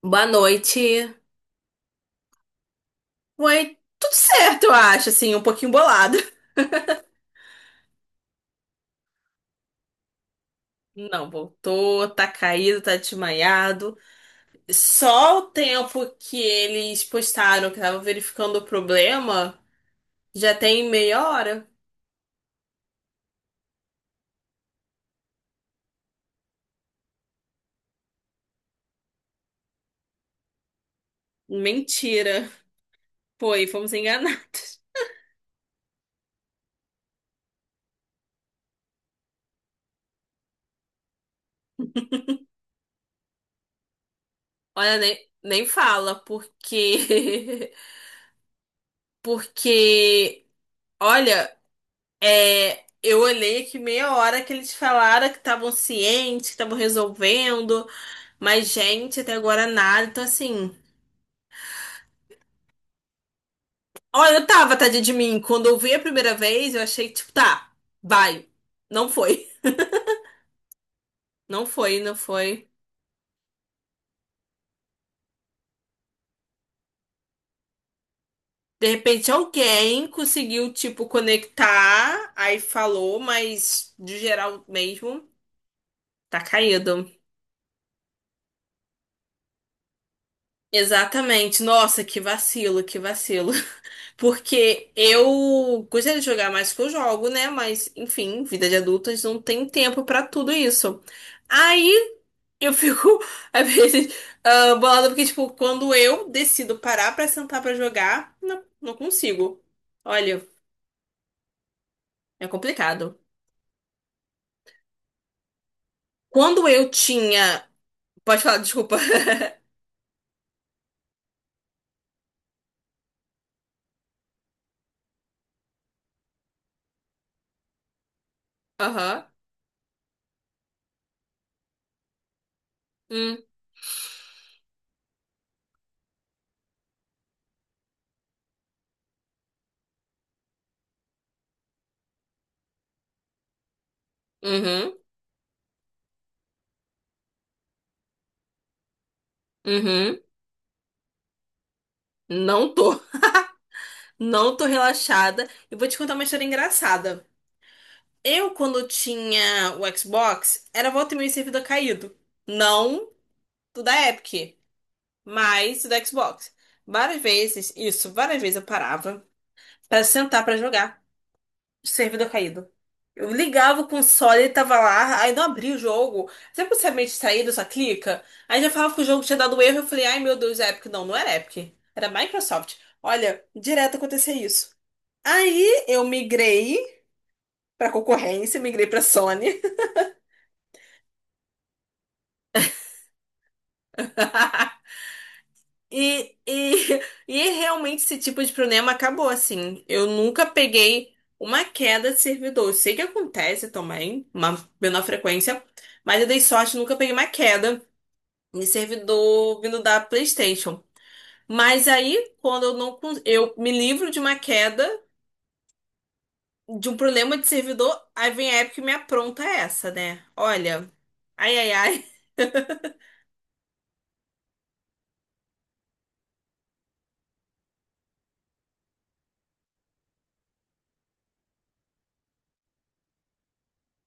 Boa noite. Ué, tudo certo, eu acho, assim, um pouquinho bolado. Não, voltou, tá caído, tá desmaiado. Só o tempo que eles postaram que tava verificando o problema, já tem meia hora. Mentira. Foi fomos enganados. Olha, nem fala, porque... Porque, olha, eu olhei aqui meia hora que eles falaram que estavam cientes, que estavam resolvendo. Mas, gente, até agora nada. Então, assim. Olha, eu tava, tadinha de mim. Quando eu vi a primeira vez, eu achei, tipo, tá, vai. Não foi. Não foi, não foi. De repente, alguém conseguiu, tipo, conectar. Aí falou, mas de geral mesmo, tá caído. Exatamente. Nossa, que vacilo, que vacilo. Porque eu gostaria de jogar mais que eu jogo, né? Mas, enfim, vida de adultas não tem tempo pra tudo isso. Aí eu fico, às vezes, ah, bolada porque, tipo, quando eu decido parar pra sentar pra jogar, não consigo. Olha, é complicado. Quando eu tinha. Pode falar, desculpa. Aham. Hum. Uhum. Uhum. Não tô. Não tô relaxada. E vou te contar uma história engraçada. Eu, quando tinha o Xbox, era volta e meia servidor caído. Não do da Epic, mas do da Xbox. Várias vezes, isso, várias vezes eu parava. Pra sentar pra jogar. Servidor caído. Eu ligava o console, ele tava lá, aí não abria o jogo. Sempre você é meio distraído, só clica. Aí já falava que o jogo tinha dado erro, eu falei, ai meu Deus, é Epic. Não, não era Epic. Era Microsoft. Olha, direto acontecia isso. Aí eu migrei pra concorrência, migrei pra Sony. E, realmente esse tipo de problema acabou assim. Eu nunca peguei uma queda de servidor. Eu sei que acontece também, uma menor frequência, mas eu dei sorte, nunca peguei uma queda de servidor vindo da PlayStation. Mas aí, quando eu não eu me livro de uma queda, de um problema de servidor, aí vem a Epic e me apronta essa, né? Olha, ai, ai, ai.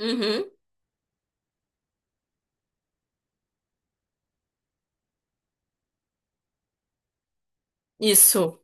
Uhum, isso.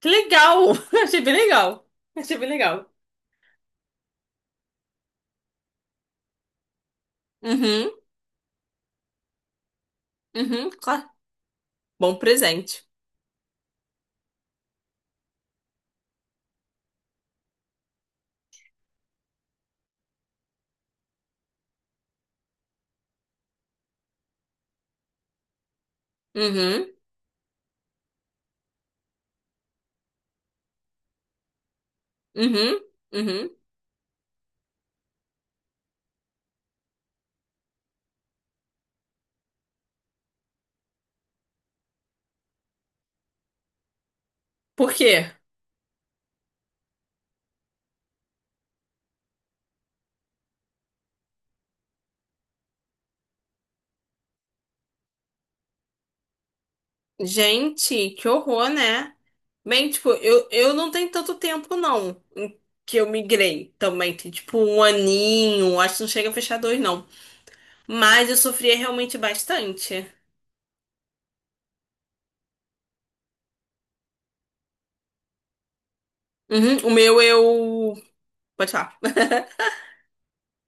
Que legal! Achei bem legal. Achei bem legal. Uhum. Uhum, claro. Bom presente. Uhum, uhum, uhum. Por quê? Gente, que horror, né? Bem, tipo, eu não tenho tanto tempo, não, em que eu migrei também. Tem, tipo, um aninho, acho que não chega a fechar dois, não. Mas eu sofria realmente bastante. Uhum, o meu, eu... Pode falar.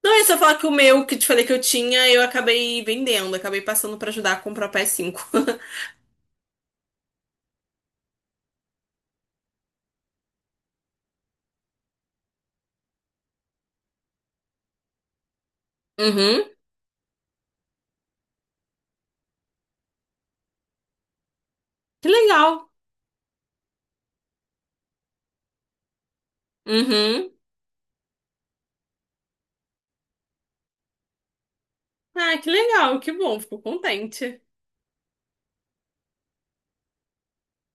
Não, é só falar que o meu, que eu te falei que eu tinha, eu acabei vendendo. Acabei passando pra ajudar a comprar o PS5. Uhum, que legal. Uhum. Ah, que legal, que bom, fico contente.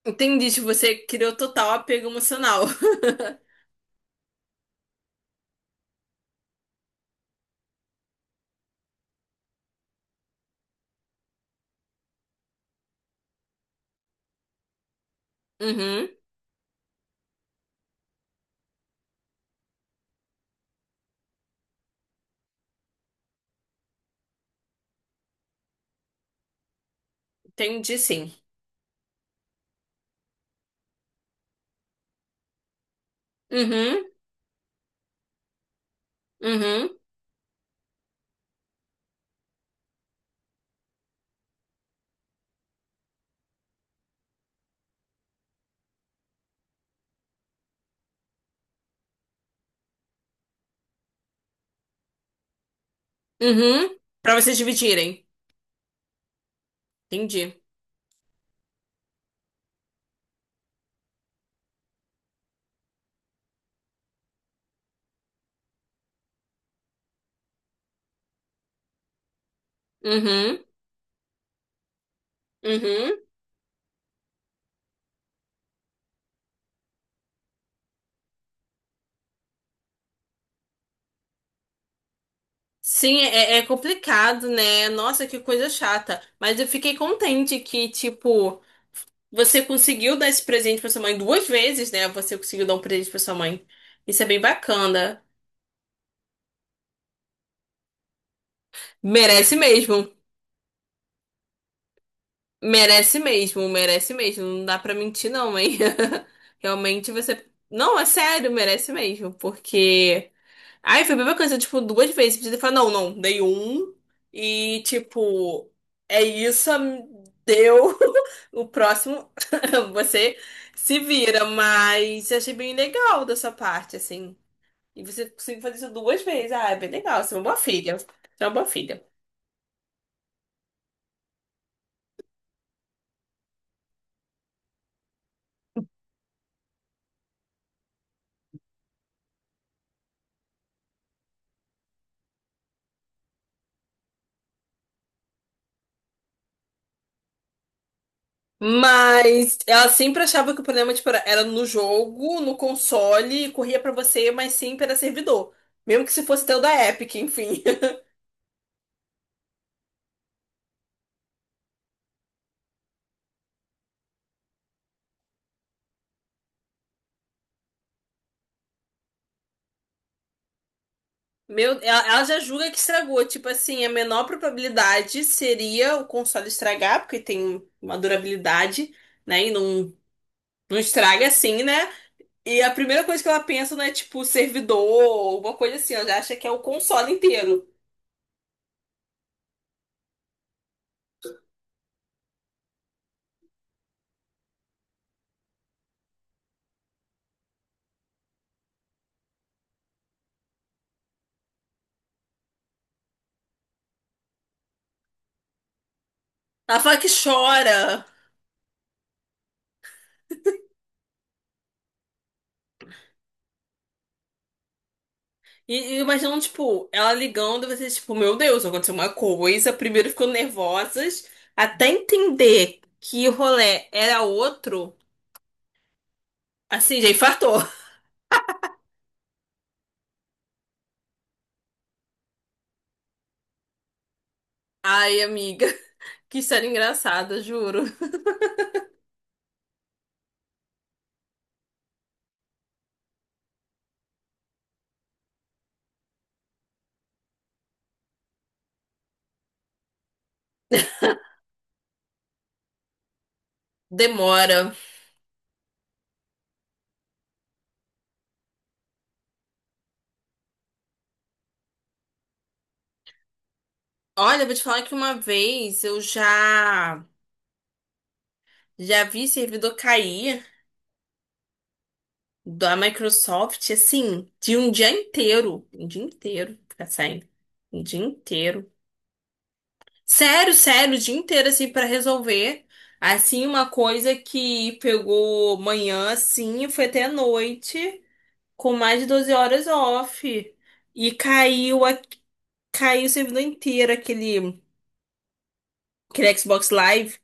Entendi, tipo, você criou total apego emocional. Uhum, entendi sim. Uhum, uhum, uhum. Pra vocês dividirem. Entendi. Uhum, uhum. Sim, é, é complicado, né? Nossa, que coisa chata. Mas eu fiquei contente que, tipo, você conseguiu dar esse presente pra sua mãe duas vezes, né? Você conseguiu dar um presente pra sua mãe. Isso é bem bacana. Merece mesmo. Merece mesmo, merece mesmo. Não dá pra mentir, não, hein? Realmente você. Não, é sério, merece mesmo. Porque. Ai, foi a mesma coisa, tipo, duas vezes. Podia ter falado, não, não, dei um. E, tipo, é isso, deu. O próximo, você se vira. Mas eu achei bem legal da sua parte, assim. E você conseguiu fazer isso duas vezes. Ah, é bem legal, você é uma boa filha. Você é uma boa filha. Mas ela sempre achava que o problema, tipo, era no jogo, no console, e corria pra você, mas sempre era servidor. Mesmo que se fosse teu da Epic, enfim. Meu, ela já julga que estragou. Tipo assim, a menor probabilidade seria o console estragar, porque tem uma durabilidade, né? E não, não estraga assim, né? E a primeira coisa que ela pensa não é, tipo, servidor ou alguma coisa assim. Ela já acha que é o console inteiro. Ela fala que chora. E imaginando, tipo, ela ligando, você, tipo, meu Deus, aconteceu uma coisa. Primeiro ficou nervosas, até entender que o rolê era outro, assim, já infartou. Ai, amiga, que história engraçada, juro. Demora. Olha, vou te falar que uma vez eu já vi servidor cair da Microsoft, assim, de um dia inteiro. Um dia inteiro, ficar sem. Um dia inteiro. Sério, sério, o dia inteiro, assim, pra resolver. Assim, uma coisa que pegou manhã, assim, e foi até a noite, com mais de 12 horas off. E caiu, caiu o servidor inteiro, aquele, aquele Xbox Live.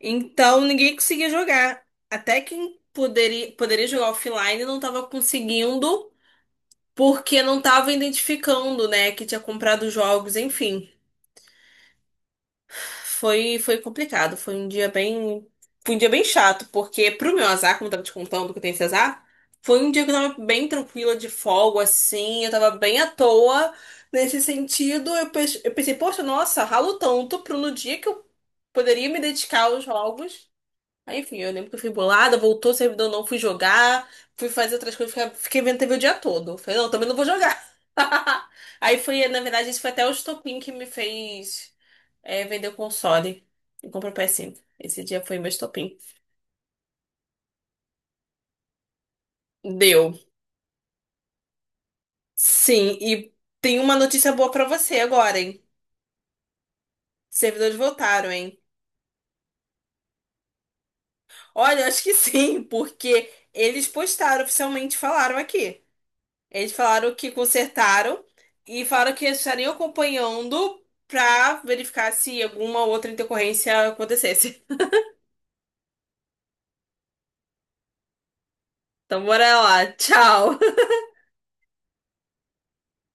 Então, ninguém conseguia jogar. Até quem poderia, poderia jogar offline não tava conseguindo, porque não tava identificando, né, que tinha comprado jogos, enfim. Foi complicado, foi um dia bem chato, porque pro meu azar, como eu tava te contando que eu tenho esse azar, foi um dia que eu tava bem tranquila de folga, assim, eu tava bem à toa nesse sentido. Eu, eu pensei, poxa, nossa, ralo tanto pro no dia que eu poderia me dedicar aos jogos. Aí, enfim, eu lembro que eu fui bolada, voltou o servidor, não fui jogar, fui fazer outras coisas, fiquei vendo TV o dia todo. Falei, não, também não vou jogar. Aí foi, na verdade, isso foi até o estopim que me fez. É, vendeu console e comprou PS5. Esse dia foi meu estopim. Deu. Sim, e tem uma notícia boa pra você agora, hein? Servidores voltaram, hein? Olha, eu acho que sim, porque eles postaram oficialmente, falaram aqui. Eles falaram que consertaram e falaram que estariam acompanhando pra verificar se alguma outra intercorrência acontecesse. Então, bora lá. Tchau.